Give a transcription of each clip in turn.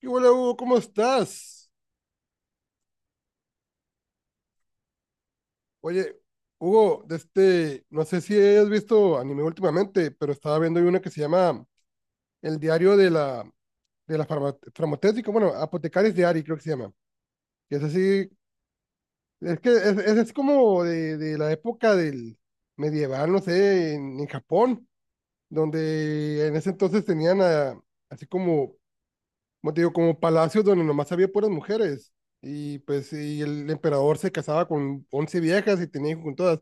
¿Qué hola, Hugo? ¿Cómo estás? Oye, Hugo, de este, no sé si has visto anime últimamente, pero estaba viendo una que se llama El diario de la farmacéutica, bueno, Apotecaris Diary, creo que se llama. Que es así, es que es como de la época del medieval, no sé, en Japón, donde en ese entonces tenían así como te digo, como palacios donde nomás había puras mujeres. Y pues el emperador se casaba con 11 viejas y tenía hijos con todas.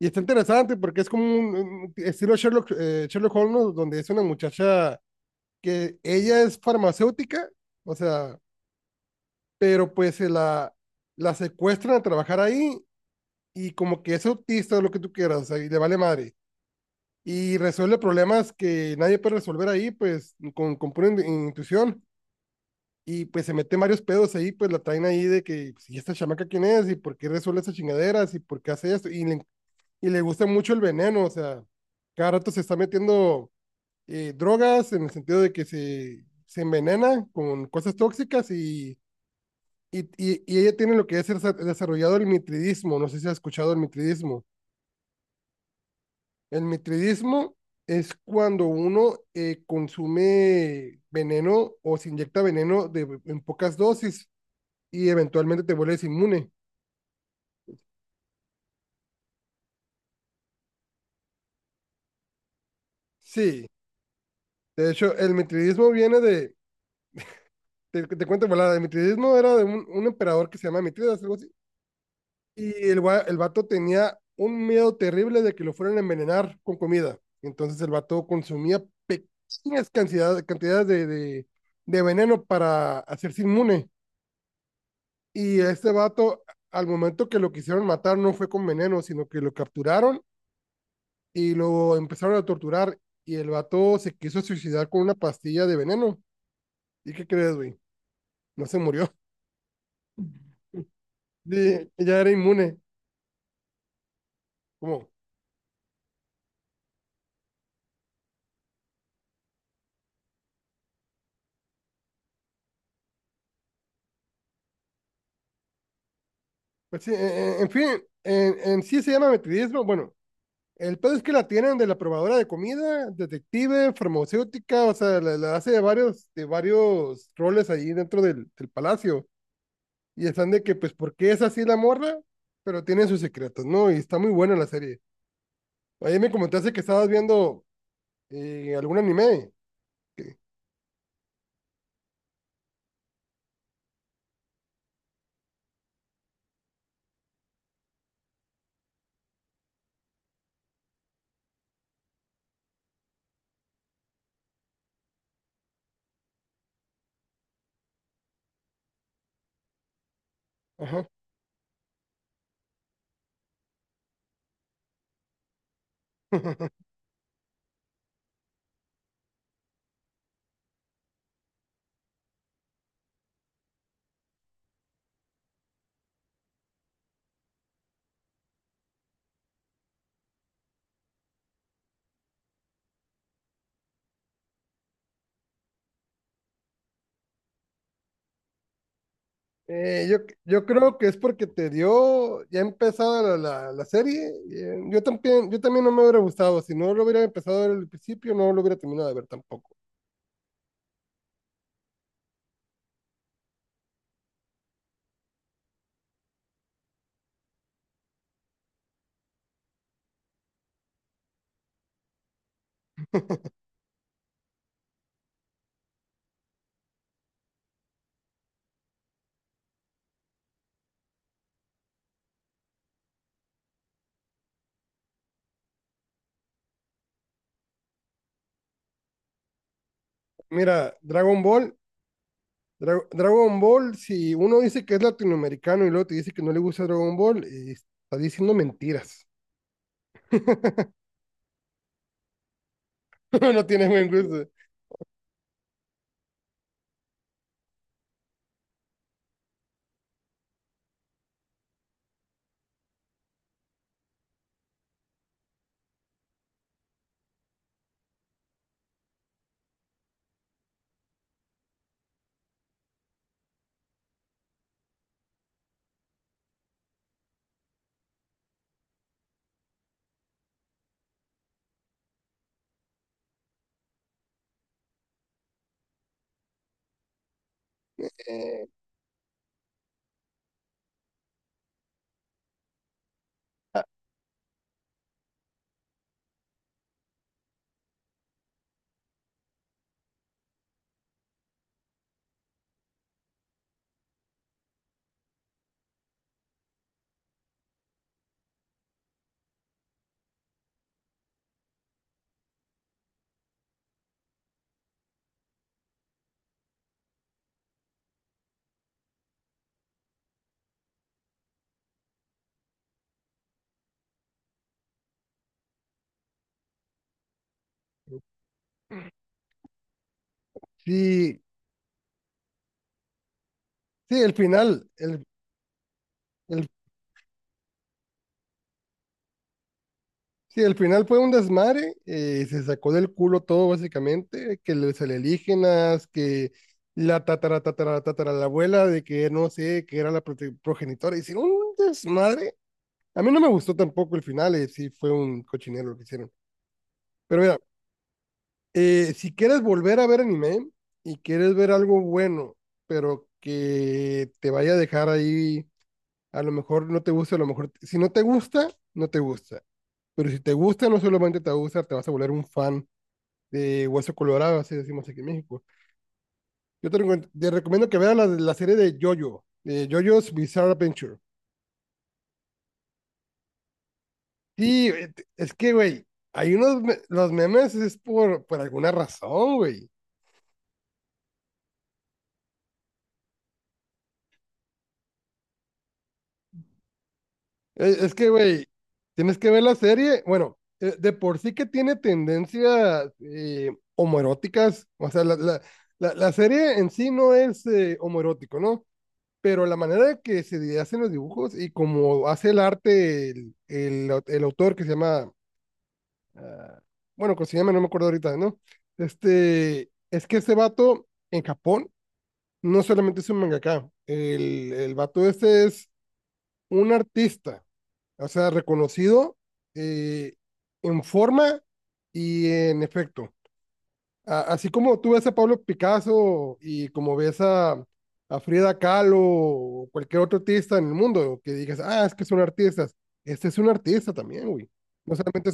Y está interesante porque es como un estilo Sherlock Holmes, ¿no? Donde es una muchacha que ella es farmacéutica, o sea, pero pues se la secuestran a trabajar ahí y como que es autista o lo que tú quieras, o sea, y le vale madre. Y resuelve problemas que nadie puede resolver ahí, pues con pura intuición. Y pues se mete varios pedos ahí, pues la traen ahí de que, pues, ¿y esta chamaca quién es? ¿Y por qué resuelve esas chingaderas? ¿Y por qué hace esto? Y le gusta mucho el veneno, o sea, cada rato se está metiendo drogas en el sentido de que se envenena con cosas tóxicas y ella tiene lo que es desarrollado el mitridismo, no sé si has escuchado el mitridismo. El mitridismo es cuando uno consume veneno o se inyecta veneno de, en pocas dosis y eventualmente te vuelves inmune. Sí, de hecho, el mitridismo viene de, te cuento, volada, el mitridismo era de un emperador que se llama Mitridas, algo así, y el vato tenía un miedo terrible de que lo fueran a envenenar con comida. Entonces el vato consumía pequeñas cantidades de veneno para hacerse inmune. Y este vato, al momento que lo quisieron matar, no fue con veneno, sino que lo capturaron y lo empezaron a torturar y el vato se quiso suicidar con una pastilla de veneno. ¿Y qué crees, güey? No se murió. Sí, ya era inmune. ¿Cómo? Pues sí, en fin, en sí se llama metidismo. Bueno, el pedo es que la tienen de la probadora de comida, detective, farmacéutica, o sea, la hace de varios roles ahí dentro del palacio. Y están de que, pues, ¿por qué es así la morra? Pero tiene sus secretos, ¿no? Y está muy buena la serie. Ayer me comentaste que estabas viendo algún anime. Ajá. Eh, yo, yo creo que es porque te dio ya empezada la serie. Yo también no me hubiera gustado. Si no lo hubiera empezado a ver al principio, no lo hubiera terminado de ver tampoco. Mira, Dragon Ball, si uno dice que es latinoamericano y luego te dice que no le gusta Dragon Ball, está diciendo mentiras. No tiene buen gusto. Eh, ah, sí, sí, el final, el sí, al final fue un desmadre, se sacó del culo todo básicamente, que los alienígenas, que la tatara, tatara, tatara, la abuela de que no sé, que era la progenitora, hicieron un desmadre. A mí no me gustó tampoco el final, sí fue un cochinero lo que hicieron. Pero mira, si quieres volver a ver anime y quieres ver algo bueno, pero que te vaya a dejar ahí, a lo mejor no te gusta, a lo mejor, si no te gusta, no te gusta. Pero si te gusta, no solamente te gusta, te vas a volver un fan de Hueso Colorado, así decimos aquí en México. Yo te recomiendo que veas la serie de Jojo, de Jojo's Bizarre Adventure. Sí, güey, es que, güey, hay unos, los memes es por alguna razón, güey. Es que, güey, tienes que ver la serie, bueno, de por sí que tiene tendencias homoeróticas, o sea, la serie en sí no es homoerótico, ¿no? Pero la manera que se hacen los dibujos y como hace el arte el autor que se llama ah, bueno, consígueme, no me acuerdo ahorita, ¿no? Este, es que ese vato en Japón no solamente es un mangaka, el vato este es un artista, o sea, reconocido eh, en forma y en efecto. Así como tú ves a Pablo Picasso y como ves a Frida Kahlo o cualquier otro artista en el mundo, que digas, ah, es que son artistas, este es un artista también, güey. No solamente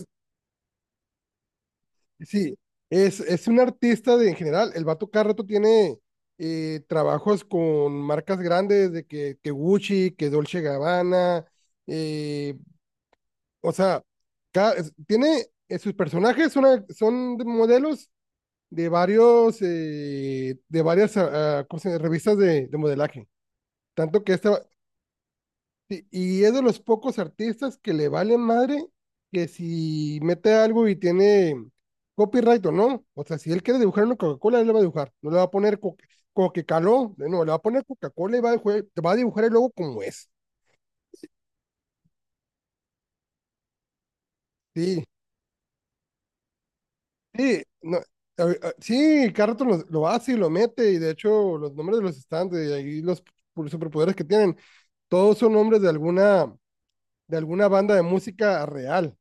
Sí, es un artista de, en general. El vato cada rato tiene trabajos con marcas grandes de que Gucci, que Dolce Gabbana. eh, o sea, tiene sus personajes son de modelos de varias ¿cómo se llama? Revistas de modelaje. Tanto que este, sí, y es de los pocos artistas que le vale madre que si mete algo y tiene copyright o no. O sea, si él quiere dibujar una Coca-Cola, él le va a dibujar. No le va a poner co como que caló. No, le va a poner Coca-Cola y va a, va a dibujar el logo como es. Sí, sí, no, sí, cada rato lo hace y lo mete. Y de hecho, los nombres de los stands y ahí los superpoderes que tienen, todos son nombres de alguna banda de música real.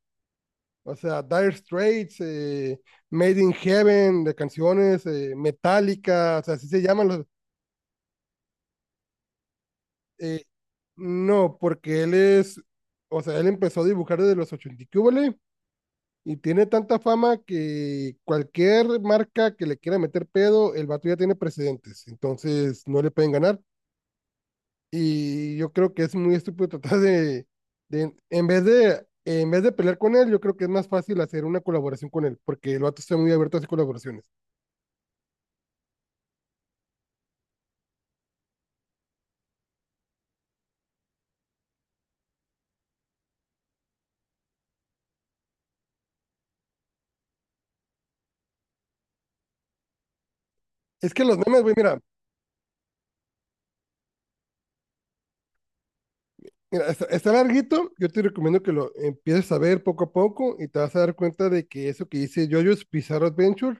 O sea, Dire Straits, Made in Heaven, de canciones, Metallica, o sea, así se llaman los... eh, no, porque él es, o sea, él empezó a dibujar desde los 80 y qué húbole, y tiene tanta fama que cualquier marca que le quiera meter pedo, el vato ya tiene precedentes, entonces no le pueden ganar. Y yo creo que es muy estúpido tratar de en vez de pelear con él, yo creo que es más fácil hacer una colaboración con él, porque el vato está muy abierto a hacer colaboraciones. Es que los memes, güey, mira, está larguito. Yo te recomiendo que lo empieces a ver poco a poco y te vas a dar cuenta de que eso que dice JoJo's Bizarre Adventure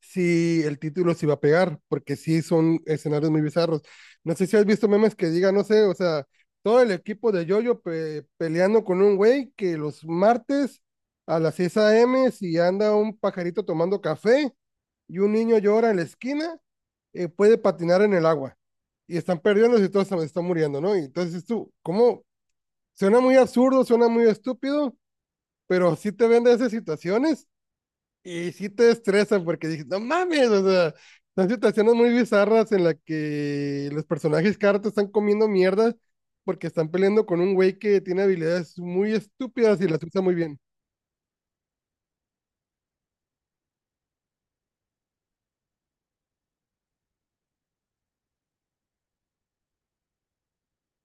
si el título se iba a pegar, porque sí son escenarios muy bizarros. No sé si has visto memes que digan, no sé, o sea, todo el equipo de Yoyo peleando con un güey que los martes a las 6 a.m. si anda un pajarito tomando café y un niño llora en la esquina, puede patinar en el agua. Y están perdiendo y todos están muriendo, ¿no? Y entonces tú, ¿cómo? Suena muy absurdo, suena muy estúpido, pero sí te vende esas situaciones y sí te estresa porque dices, no mames, o sea, son situaciones muy bizarras en las que los personajes cartas están comiendo mierda porque están peleando con un güey que tiene habilidades muy estúpidas y las usa muy bien.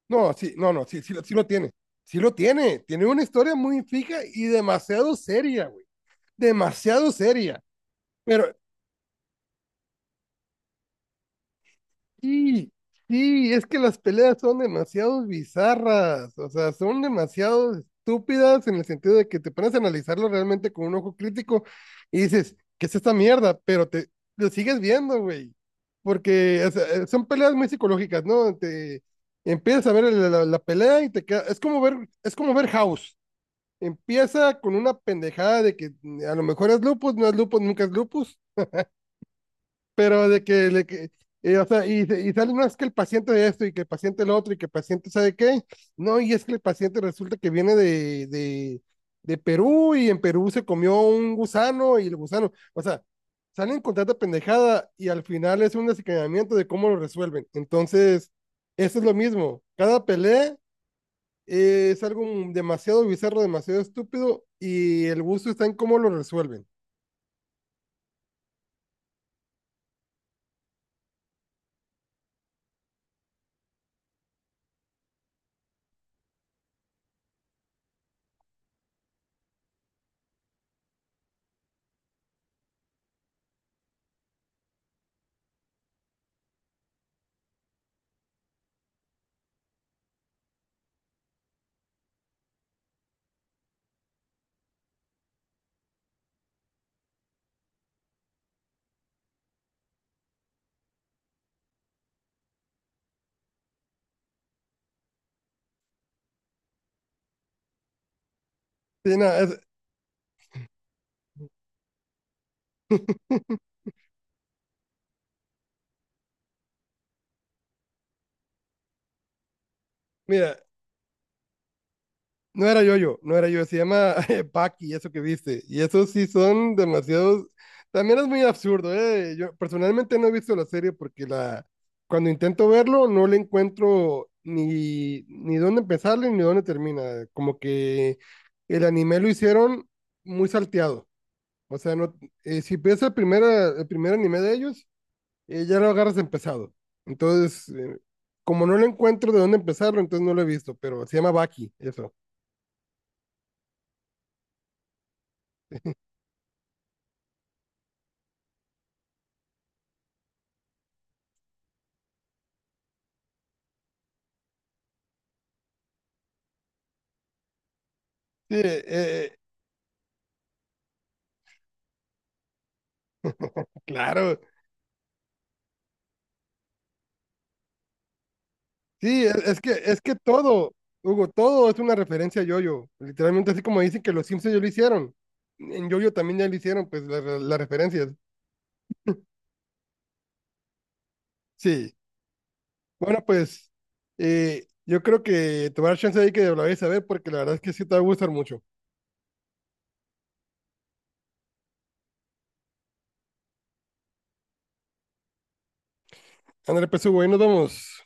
No, sí, no, no, sí, sí, sí lo tiene. Sí lo tiene. Tiene una historia muy fija y demasiado seria, güey. Demasiado seria. Pero sí, sí, es que las peleas son demasiado bizarras, o sea, son demasiado estúpidas en el sentido de que te pones a analizarlo realmente con un ojo crítico y dices, ¿qué es esta mierda? Pero te lo sigues viendo, güey, porque o sea, son peleas muy psicológicas, ¿no? Te empiezas a ver la pelea y te queda, es como ver House. Empieza con una pendejada de que a lo mejor es lupus, no es lupus, nunca es lupus pero de que o sea, y sale, no, es que el paciente de esto y que el paciente el otro y que el paciente sabe qué, no, y es que el paciente resulta que viene de Perú y en Perú se comió un gusano y el gusano, o sea, salen con tanta pendejada y al final es un desencadenamiento de cómo lo resuelven. Entonces, eso es lo mismo, cada pelea es algo demasiado bizarro, demasiado estúpido y el gusto está en cómo lo resuelven. Sí, nada, Mira, no era yo, se llama Paki, eso que viste. Y esos sí son demasiados. También es muy absurdo, ¿eh? Yo personalmente no he visto la serie porque la... cuando intento verlo no le encuentro ni dónde empezarle ni dónde termina. Como que el anime lo hicieron muy salteado. O sea, no... si ves el primer anime de ellos, ya lo agarras empezado. Entonces, como no le encuentro de dónde empezarlo, entonces no lo he visto, pero se llama Baki, eso. Sí, claro. Sí, es que todo, Hugo, todo es una referencia a Yoyo. Literalmente así como dicen que los Simpsons ya lo hicieron. En Yoyo también ya lo hicieron, pues las referencias. Sí. Bueno, pues yo creo que te voy a dar chance ahí que lo vayas a ver porque la verdad es que sí te va a gustar mucho. André, pues Hugo, ahí nos vemos.